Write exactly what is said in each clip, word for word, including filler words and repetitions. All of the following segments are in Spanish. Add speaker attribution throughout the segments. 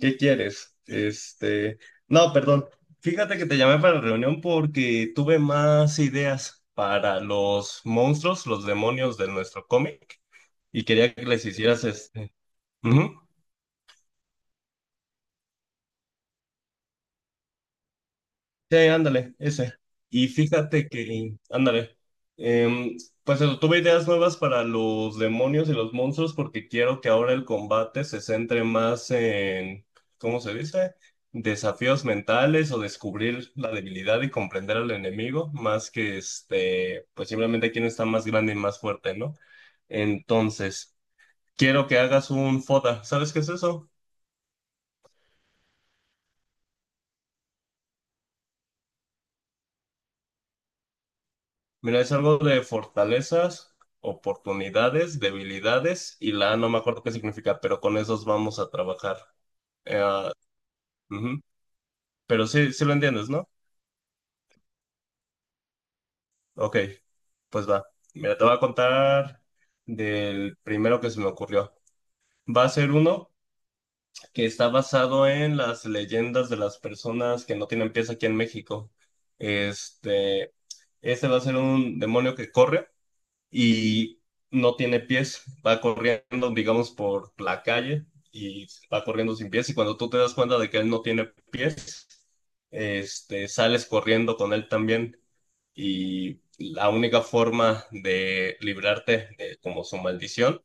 Speaker 1: ¿Qué quieres? Este, no, perdón. Fíjate que te llamé para la reunión porque tuve más ideas para los monstruos, los demonios de nuestro cómic, y quería que les hicieras este. Ujú. Sí, ándale, ese. Y fíjate que, ándale, em, pues eso, tuve ideas nuevas para los demonios y los monstruos porque quiero que ahora el combate se centre más en, ¿cómo se dice? Desafíos mentales o descubrir la debilidad y comprender al enemigo, más que este, pues simplemente quién está más grande y más fuerte, ¿no? Entonces, quiero que hagas un FODA. ¿Sabes qué es eso? Mira, es algo de fortalezas, oportunidades, debilidades y la A no me acuerdo qué significa, pero con esos vamos a trabajar. Eh, ah, ujú. Pero sí, sí lo entiendes, ¿no? Ok, pues va. Mira, te voy a contar del primero que se me ocurrió. Va a ser uno que está basado en las leyendas de las personas que no tienen pies aquí en México. Este, este va a ser un demonio que corre y no tiene pies, va corriendo, digamos, por la calle y va corriendo sin pies y cuando tú te das cuenta de que él no tiene pies, este, sales corriendo con él también y la única forma de librarte de como su maldición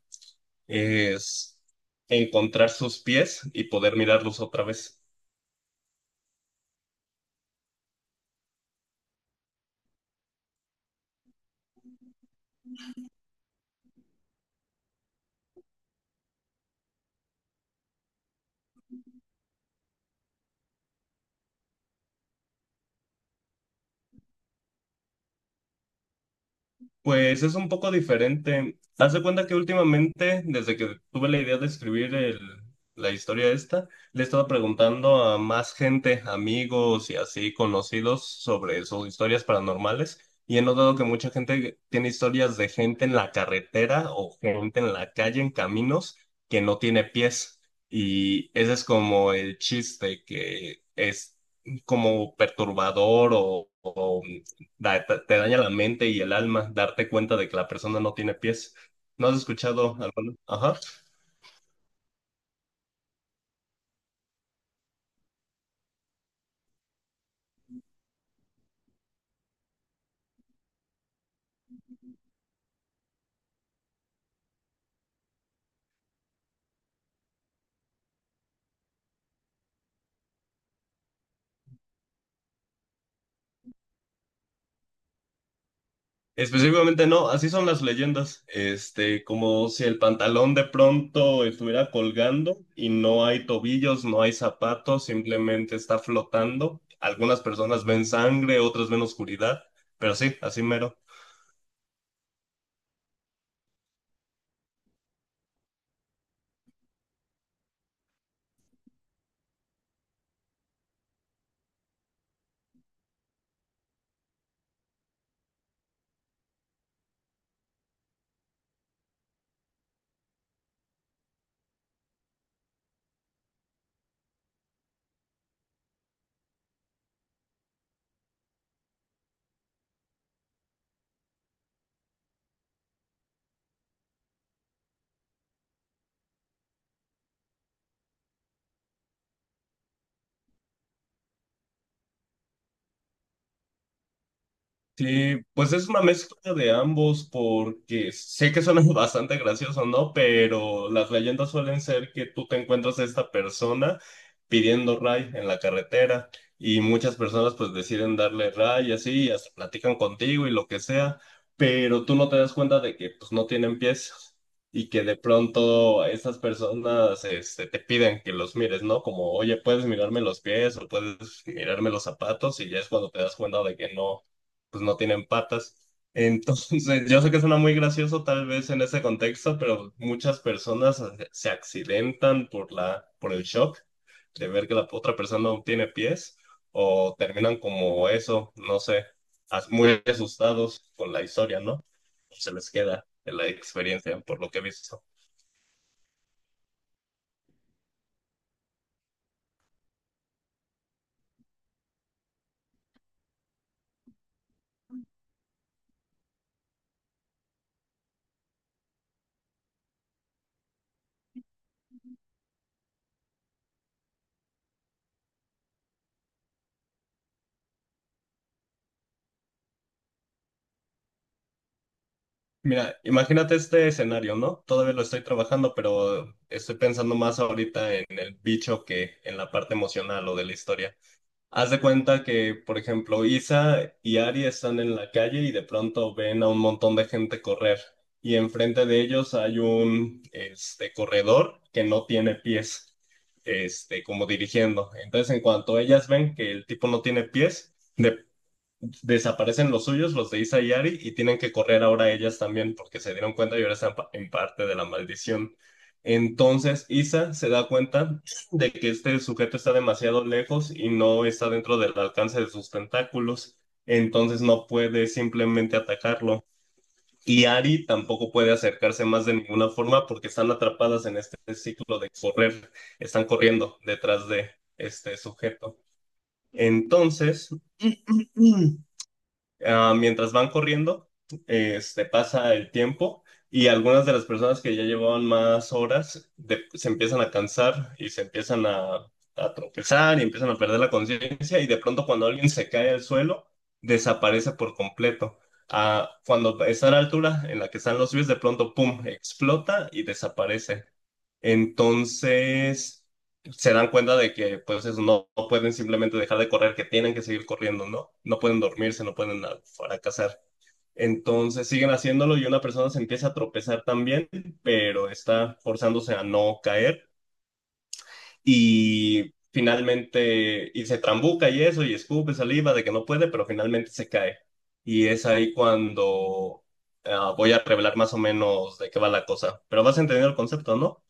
Speaker 1: es encontrar sus pies y poder mirarlos otra vez. Pues es un poco diferente. Haz de cuenta que últimamente, desde que tuve la idea de escribir el, la historia esta, le he estado preguntando a más gente, amigos y así conocidos sobre sus historias paranormales y he notado que mucha gente tiene historias de gente en la carretera o gente en la calle, en caminos, que no tiene pies. Y ese es como el chiste que es como perturbador o... o da- te te daña la mente y el alma darte cuenta de que la persona no tiene pies. ¿No has escuchado alguno? Ajá. Específicamente no, así son las leyendas. Este, como si el pantalón de pronto estuviera colgando y no hay tobillos, no hay zapatos, simplemente está flotando. Algunas personas ven sangre, otras ven oscuridad, pero sí, así mero. Sí, pues es una mezcla de ambos porque sé que suena bastante gracioso, ¿no? Pero las leyendas suelen ser que tú te encuentras a esta persona pidiendo ray en la carretera y muchas personas pues deciden darle ray y así, y hasta platican contigo y lo que sea, pero tú no te das cuenta de que pues no tienen pies y que de pronto esas personas este, te piden que los mires, ¿no? Como, oye, puedes mirarme los pies o puedes mirarme los zapatos y ya es cuando te das cuenta de que no pues no tienen patas. Entonces, yo sé que suena muy gracioso tal vez en ese contexto, pero muchas personas se accidentan por la, por el shock de ver que la otra persona no tiene pies o terminan como eso, no sé, as- muy asustados con la historia, ¿no? Se les queda de la experiencia, por lo que he visto. Mira, imagínate este escenario, ¿no? Todavía lo estoy trabajando, pero estoy pensando más ahorita en el bicho que en la parte emocional o de la historia. Haz de cuenta que, por ejemplo, Isa y Ari están en la calle y de pronto ven a un montón de gente correr. Y enfrente de ellos hay un este, corredor que no tiene pies, este, como dirigiendo. Entonces, en cuanto ellas ven que el tipo no tiene pies, de desaparecen los suyos, los de Isa y Ari, y tienen que correr ahora ellas también porque se dieron cuenta y ahora están pa- en parte de la maldición. Entonces Isa se da cuenta de que este sujeto está demasiado lejos y no está dentro del alcance de sus tentáculos, entonces no puede simplemente atacarlo. Y Ari tampoco puede acercarse más de ninguna forma porque están atrapadas en este ciclo de correr, están corriendo detrás de este sujeto. Entonces, Ah, mientras van corriendo, este, pasa el tiempo y algunas de las personas que ya llevaban más horas de- se empiezan a cansar y se empiezan a, a tropezar y empiezan a perder la conciencia y de pronto cuando alguien se cae al suelo, desaparece por completo. Ah, cuando está a la altura en la que están los pies, de pronto, ¡pum!, explota y desaparece. Entonces se dan cuenta de que pues eso, no, no pueden simplemente dejar de correr, que tienen que seguir corriendo, ¿no? No pueden dormirse, no pueden ah, fracasar. Entonces siguen haciéndolo y una persona se empieza a tropezar también, pero está forzándose a no caer y finalmente y se trambuca y eso y escupe saliva de que no puede, pero finalmente se cae. Y es ahí cuando ah, voy a revelar más o menos de qué va la cosa. Pero vas a entender el concepto, ¿no?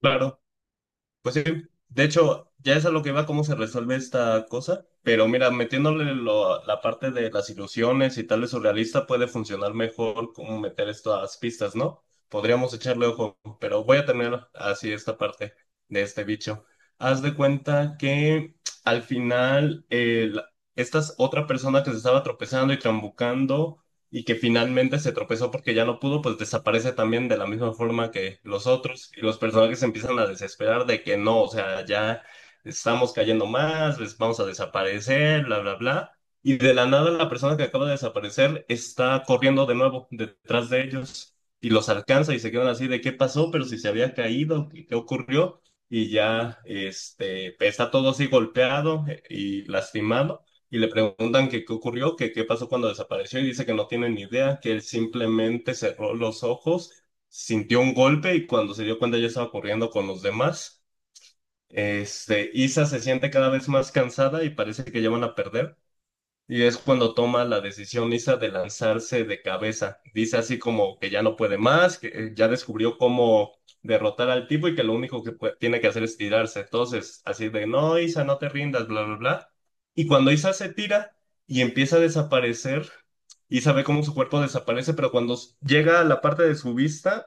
Speaker 1: Claro. Pues sí, de hecho, ya es a lo que va cómo se resuelve esta cosa, pero mira, metiéndole lo- la parte de las ilusiones y tal vez surrealista puede funcionar mejor como meter esto a las pistas, ¿no? Podríamos echarle ojo, pero voy a terminar así esta parte de este bicho. Haz de cuenta que al final el- esta es otra persona que se estaba tropezando y trambucando y que finalmente se tropezó porque ya no pudo, pues desaparece también de la misma forma que los otros y los personajes empiezan a desesperar de que no, o sea, ya estamos cayendo más, les vamos a desaparecer, bla, bla, bla. Y de la nada la persona que acaba de desaparecer está corriendo de nuevo detrás de ellos y los alcanza y se quedan así de qué pasó, pero si se había caído, qué, qué ocurrió. Y ya este, está todo así golpeado eh, y lastimado y le preguntan que qué ocurrió, que qué pasó cuando desapareció y dice que no tiene ni idea, que él simplemente cerró los ojos, sintió un golpe y cuando se dio cuenta ya estaba corriendo con los demás. Este, Isa se siente cada vez más cansada y parece que ya van a perder. Y es cuando toma la decisión Lisa de lanzarse de cabeza. Dice así como que ya no puede más, que eh, ya descubrió cómo derrotar al tipo y que lo único que pue- tiene que hacer es tirarse. Entonces, así de, no, Isa, no te rindas, bla, bla, bla. Y cuando Isa se tira y empieza a desaparecer, Isa ve cómo su cuerpo desaparece, pero cuando s- llega a la parte de su vista,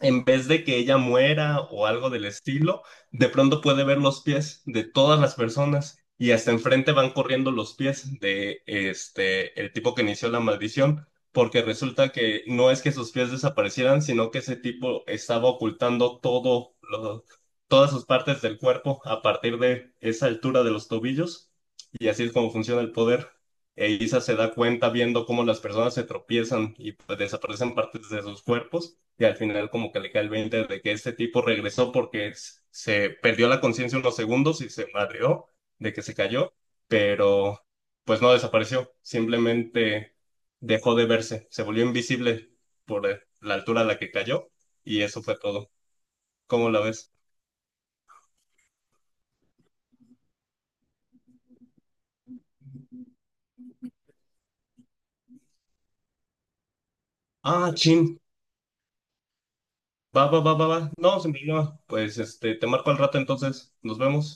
Speaker 1: en vez de que ella muera o algo del estilo, de pronto puede ver los pies de todas las personas y hasta enfrente van corriendo los pies de este el tipo que inició la maldición, porque resulta que no es que sus pies desaparecieran, sino que ese tipo estaba ocultando todo lo- todas sus partes del cuerpo a partir de esa altura de los tobillos y así es como funciona el poder. E Isa se da cuenta viendo cómo las personas se tropiezan y pues, desaparecen partes de sus cuerpos y al final como que le cae el veinte de que este tipo regresó porque s- se perdió la conciencia unos segundos y se madreó de que se cayó, pero pues no desapareció, simplemente dejó de verse, se volvió invisible por eh, la altura a la que cayó y eso fue todo. ¿Cómo la ves? Ah, chin. Va, va, va, va, va. No, sin problema. Pues este, te marco al rato entonces. Nos vemos.